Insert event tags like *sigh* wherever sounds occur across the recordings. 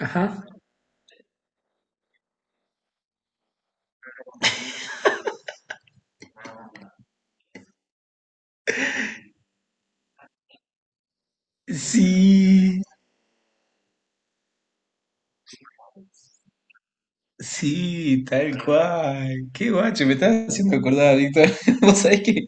Ajá. Sí, sí, tal cual. Qué guacho, me estás haciendo acordar, Víctor. *laughs* Vos sabés que,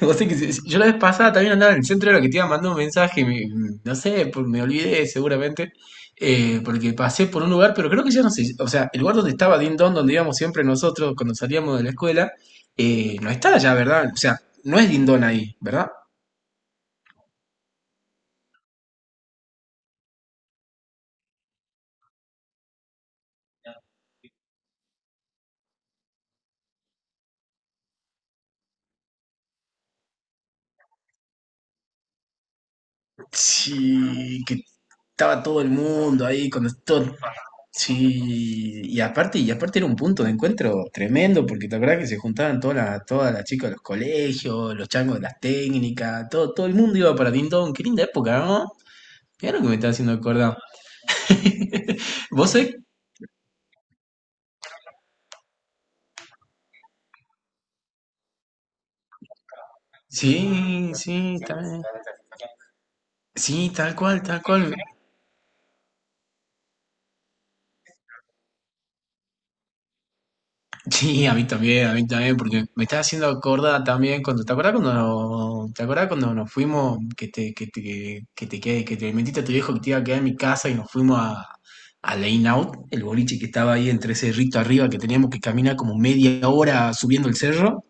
vos sabés que si- si, yo la vez pasada también andaba en el centro, de la que te iba mandando un mensaje, no sé, me olvidé seguramente, porque pasé por un lugar, pero creo que ya no sé, o sea, el lugar donde estaba Dindon, donde íbamos siempre nosotros cuando salíamos de la escuela, no está ya, ¿verdad? O sea, no es Dindon ahí, ¿verdad? Sí, que estaba todo el mundo ahí con todo. Sí, y aparte era un punto de encuentro tremendo, porque te acuerdas que se juntaban todas las chicas de los colegios, los changos de las técnicas, todo, todo el mundo iba para Dindon, qué linda época, ¿no? Mira lo que me está haciendo acordar. *laughs* ¿Vos sabés? Sí, sí, tal cual, tal cual. Sí, a mí también, porque me está haciendo acordar también cuando, ¿te acordás cuando, no, te acordás cuando nos fuimos, que te metiste a tu viejo que te iba a quedar en mi casa y nos fuimos a la In Out, el boliche que estaba ahí entre cerrito arriba, que teníamos que caminar como media hora subiendo el cerro?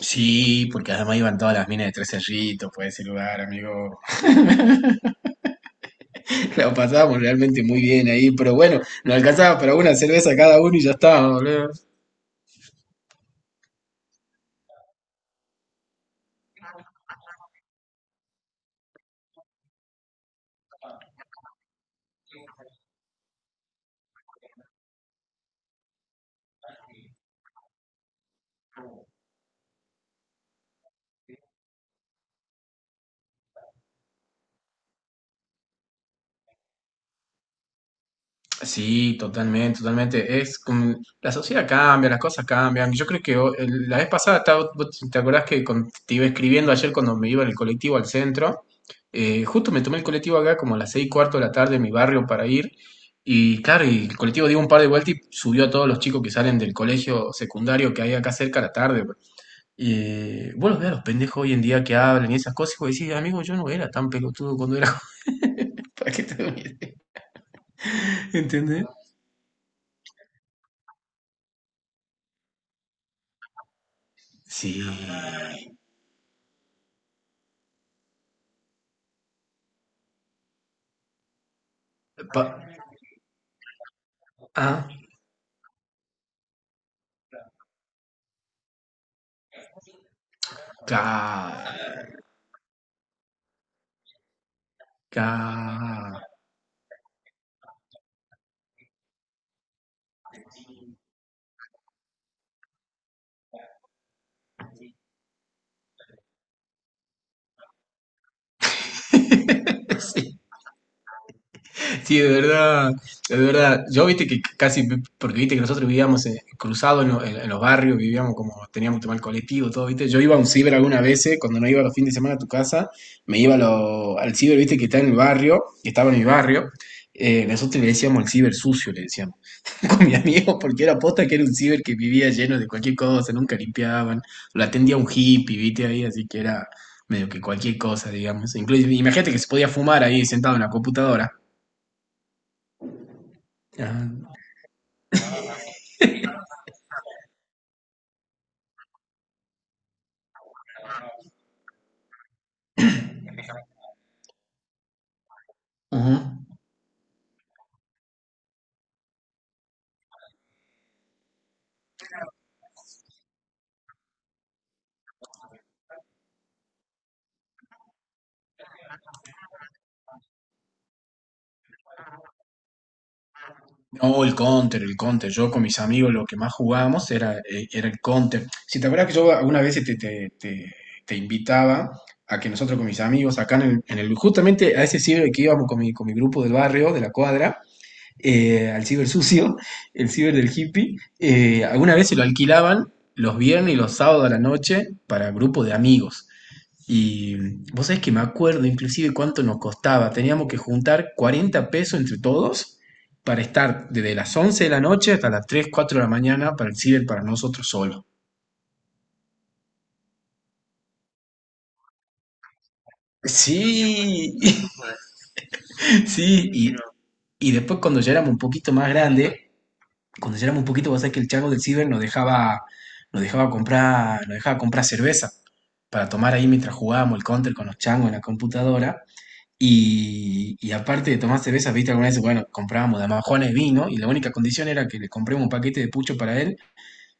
Sí, porque además iban todas las minas de Tres Cerritos por ese lugar, amigo. *laughs* La pasábamos realmente muy bien ahí, pero bueno, nos alcanzaba para una cerveza cada uno y ya está, boludo. Sí, totalmente, totalmente. Es la sociedad cambia, las cosas cambian. Yo creo que la vez pasada, vos ¿te acordás que te iba escribiendo ayer cuando me iba en el colectivo al centro? Justo me tomé el colectivo acá como a las 6:15 de la tarde en mi barrio para ir. Y claro, y el colectivo dio un par de vueltas y subió a todos los chicos que salen del colegio secundario que hay acá cerca a la tarde, pues. Y vos los ves a los pendejos hoy en día que hablan y esas cosas y vos decís, amigo, yo no era tan pelotudo cuando era joven. *laughs* ¿Para qué te voy a decir? ¿Entendés? Sí, Pa- ah, ca, ca. *laughs* Sí, sí, de verdad, de verdad. Yo viste que casi, porque viste que nosotros vivíamos cruzados en, en los barrios, vivíamos como teníamos tema el colectivo, todo, viste. Yo iba a un ciber algunas veces, cuando no iba los fines de semana a tu casa, me iba a al ciber, viste, que está en el barrio, que estaba en mi barrio. Nosotros le decíamos el ciber sucio, le decíamos. *laughs* Con mi amigo, porque era posta que era un ciber que vivía lleno de cualquier cosa, nunca limpiaban, lo atendía un hippie, viste ahí, así que era medio que cualquier cosa, digamos. Incluso, imagínate que se podía fumar ahí sentado en la computadora. Ah, ujú. O el counter, el counter. Yo con mis amigos lo que más jugábamos era, era el counter. Si te acuerdas que yo algunas veces te invitaba a que nosotros con mis amigos acá justamente a ese ciber que íbamos con con mi grupo del barrio, de la cuadra, al ciber sucio, el ciber del hippie. Alguna vez se lo alquilaban los viernes y los sábados a la noche para grupos de amigos. Y vos sabés que me acuerdo inclusive cuánto nos costaba. Teníamos que juntar 40 pesos entre todos para estar desde las 11 de la noche hasta las 3 4 de la mañana para el ciber para nosotros solos. Sí, *laughs* sí, y después cuando ya éramos un poquito más grandes, cuando ya éramos un poquito, vos sabés que el chango del Ciber nos dejaba comprar cerveza para tomar ahí mientras jugábamos el counter con los changos en la computadora. Y aparte de tomar cerveza, viste, alguna vez, bueno, comprábamos de majones de vino y la única condición era que le compremos un paquete de pucho para él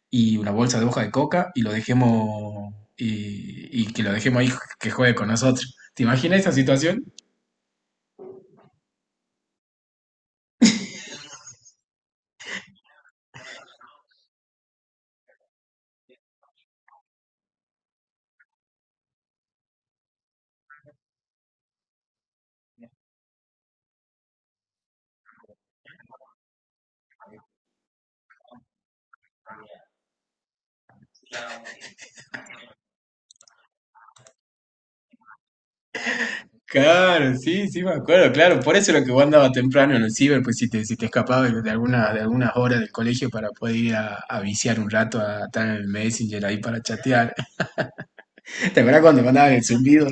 y una bolsa de hoja de coca y lo dejemos y que lo dejemos ahí que juegue con nosotros. ¿Te imaginas esa situación? Claro, sí, sí, me acuerdo, claro. Por eso era que vos andabas temprano en el ciber, pues si te escapabas de alguna, de algunas horas del colegio para poder ir a viciar un rato a estar en el Messenger ahí para chatear. *laughs* ¿Te acuerdas cuando mandaban el zumbido?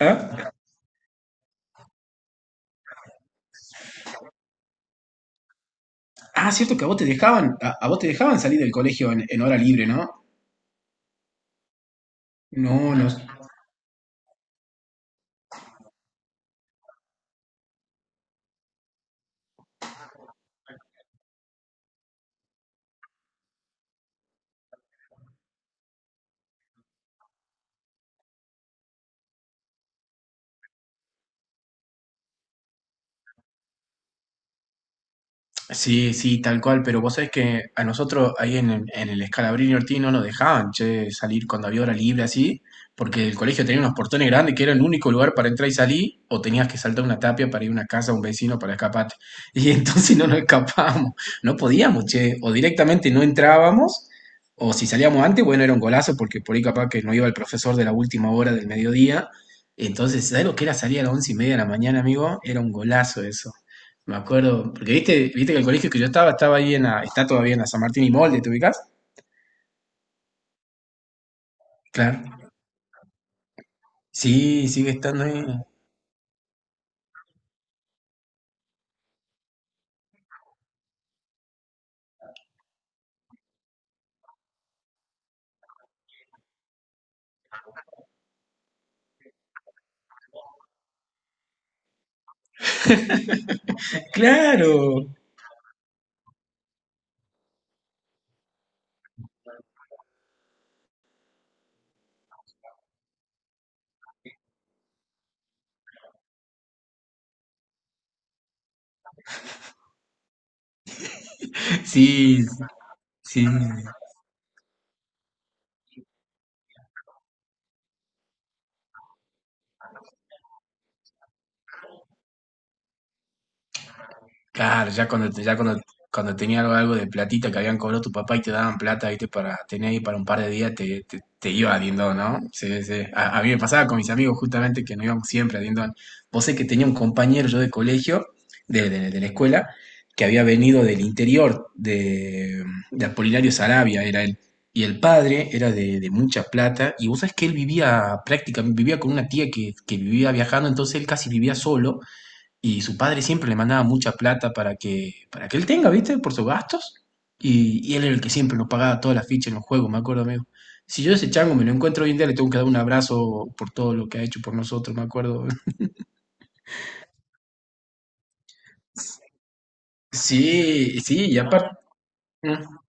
¿Ah? Ah, cierto que a vos te dejaban, a vos te dejaban salir del colegio en hora libre, ¿no? No, no, sí, sí, tal cual, pero vos sabés que a nosotros ahí en el Scalabrini Ortiz no nos dejaban, che, salir cuando había hora libre así, porque el colegio tenía unos portones grandes que era el único lugar para entrar y salir, o tenías que saltar una tapia para ir a una casa a un vecino para escaparte. *laughs* Y entonces no nos escapábamos, no podíamos, che, o directamente no entrábamos, o si salíamos antes, bueno, era un golazo, porque por ahí capaz que no iba el profesor de la última hora del mediodía. Entonces, ¿sabés lo que era salir a las 11:30 de la mañana, amigo? Era un golazo eso. Me acuerdo, porque viste, viste que el colegio que yo estaba, estaba ahí en la, está todavía en la San Martín y Molde, ¿te ubicás? Claro. Sí, sigue estando ahí. Claro. Sí, sí. Claro, ya cuando, cuando tenía algo, algo de platita que habían cobrado tu papá y te daban plata, viste, para tener ahí para un par de días, te iba a Dindón, ¿no? Sí, sí. A mí me pasaba con mis amigos justamente que no íbamos siempre a Dindón. Vos sé que tenía un compañero yo de colegio, de la escuela, que había venido del interior, de Apolinario Sarabia era él. Y el padre era de mucha plata, y vos sabés que él vivía prácticamente, vivía con una tía que vivía viajando, entonces él casi vivía solo y su padre siempre le mandaba mucha plata para que él tenga, ¿viste? Por sus gastos. Y él era el que siempre nos pagaba todas las fichas en los juegos, me acuerdo, amigo. Si yo ese chango me lo encuentro hoy en día, le tengo que dar un abrazo por todo lo que ha hecho por nosotros, me acuerdo. *laughs* Sí, sí, y aparte. ¿No?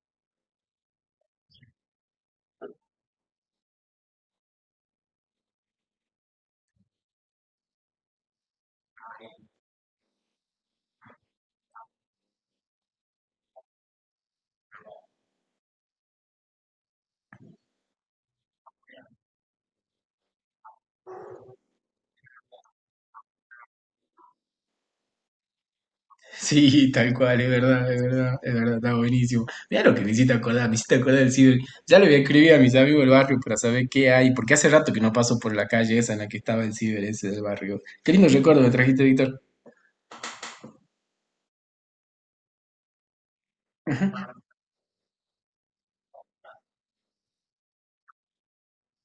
Sí, tal cual, es verdad, es verdad, es verdad, está buenísimo. Mirá lo que me hiciste acordar del Ciber. Ya le voy a escribir a mis amigos del barrio para saber qué hay, porque hace rato que no paso por la calle esa en la que estaba el Ciber ese del barrio. Qué lindo recuerdo me trajiste, Víctor.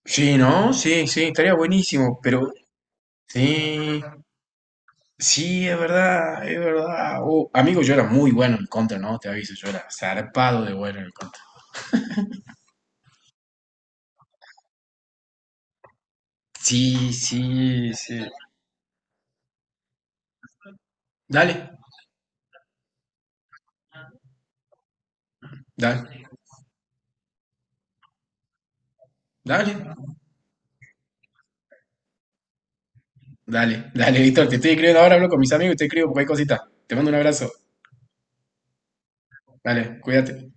Sí, ¿no? Sí, sí, estaría buenísimo, pero sí, sí, es verdad, es verdad. Amigo, yo era muy bueno en contra, ¿no? Te aviso, yo era zarpado de bueno en contra. Sí, sí, sí. Dale, dale, dale, dale, dale, Víctor, te estoy escribiendo ahora, hablo con mis amigos y te escribo cualquier cosita. Te mando un abrazo. Dale, cuídate.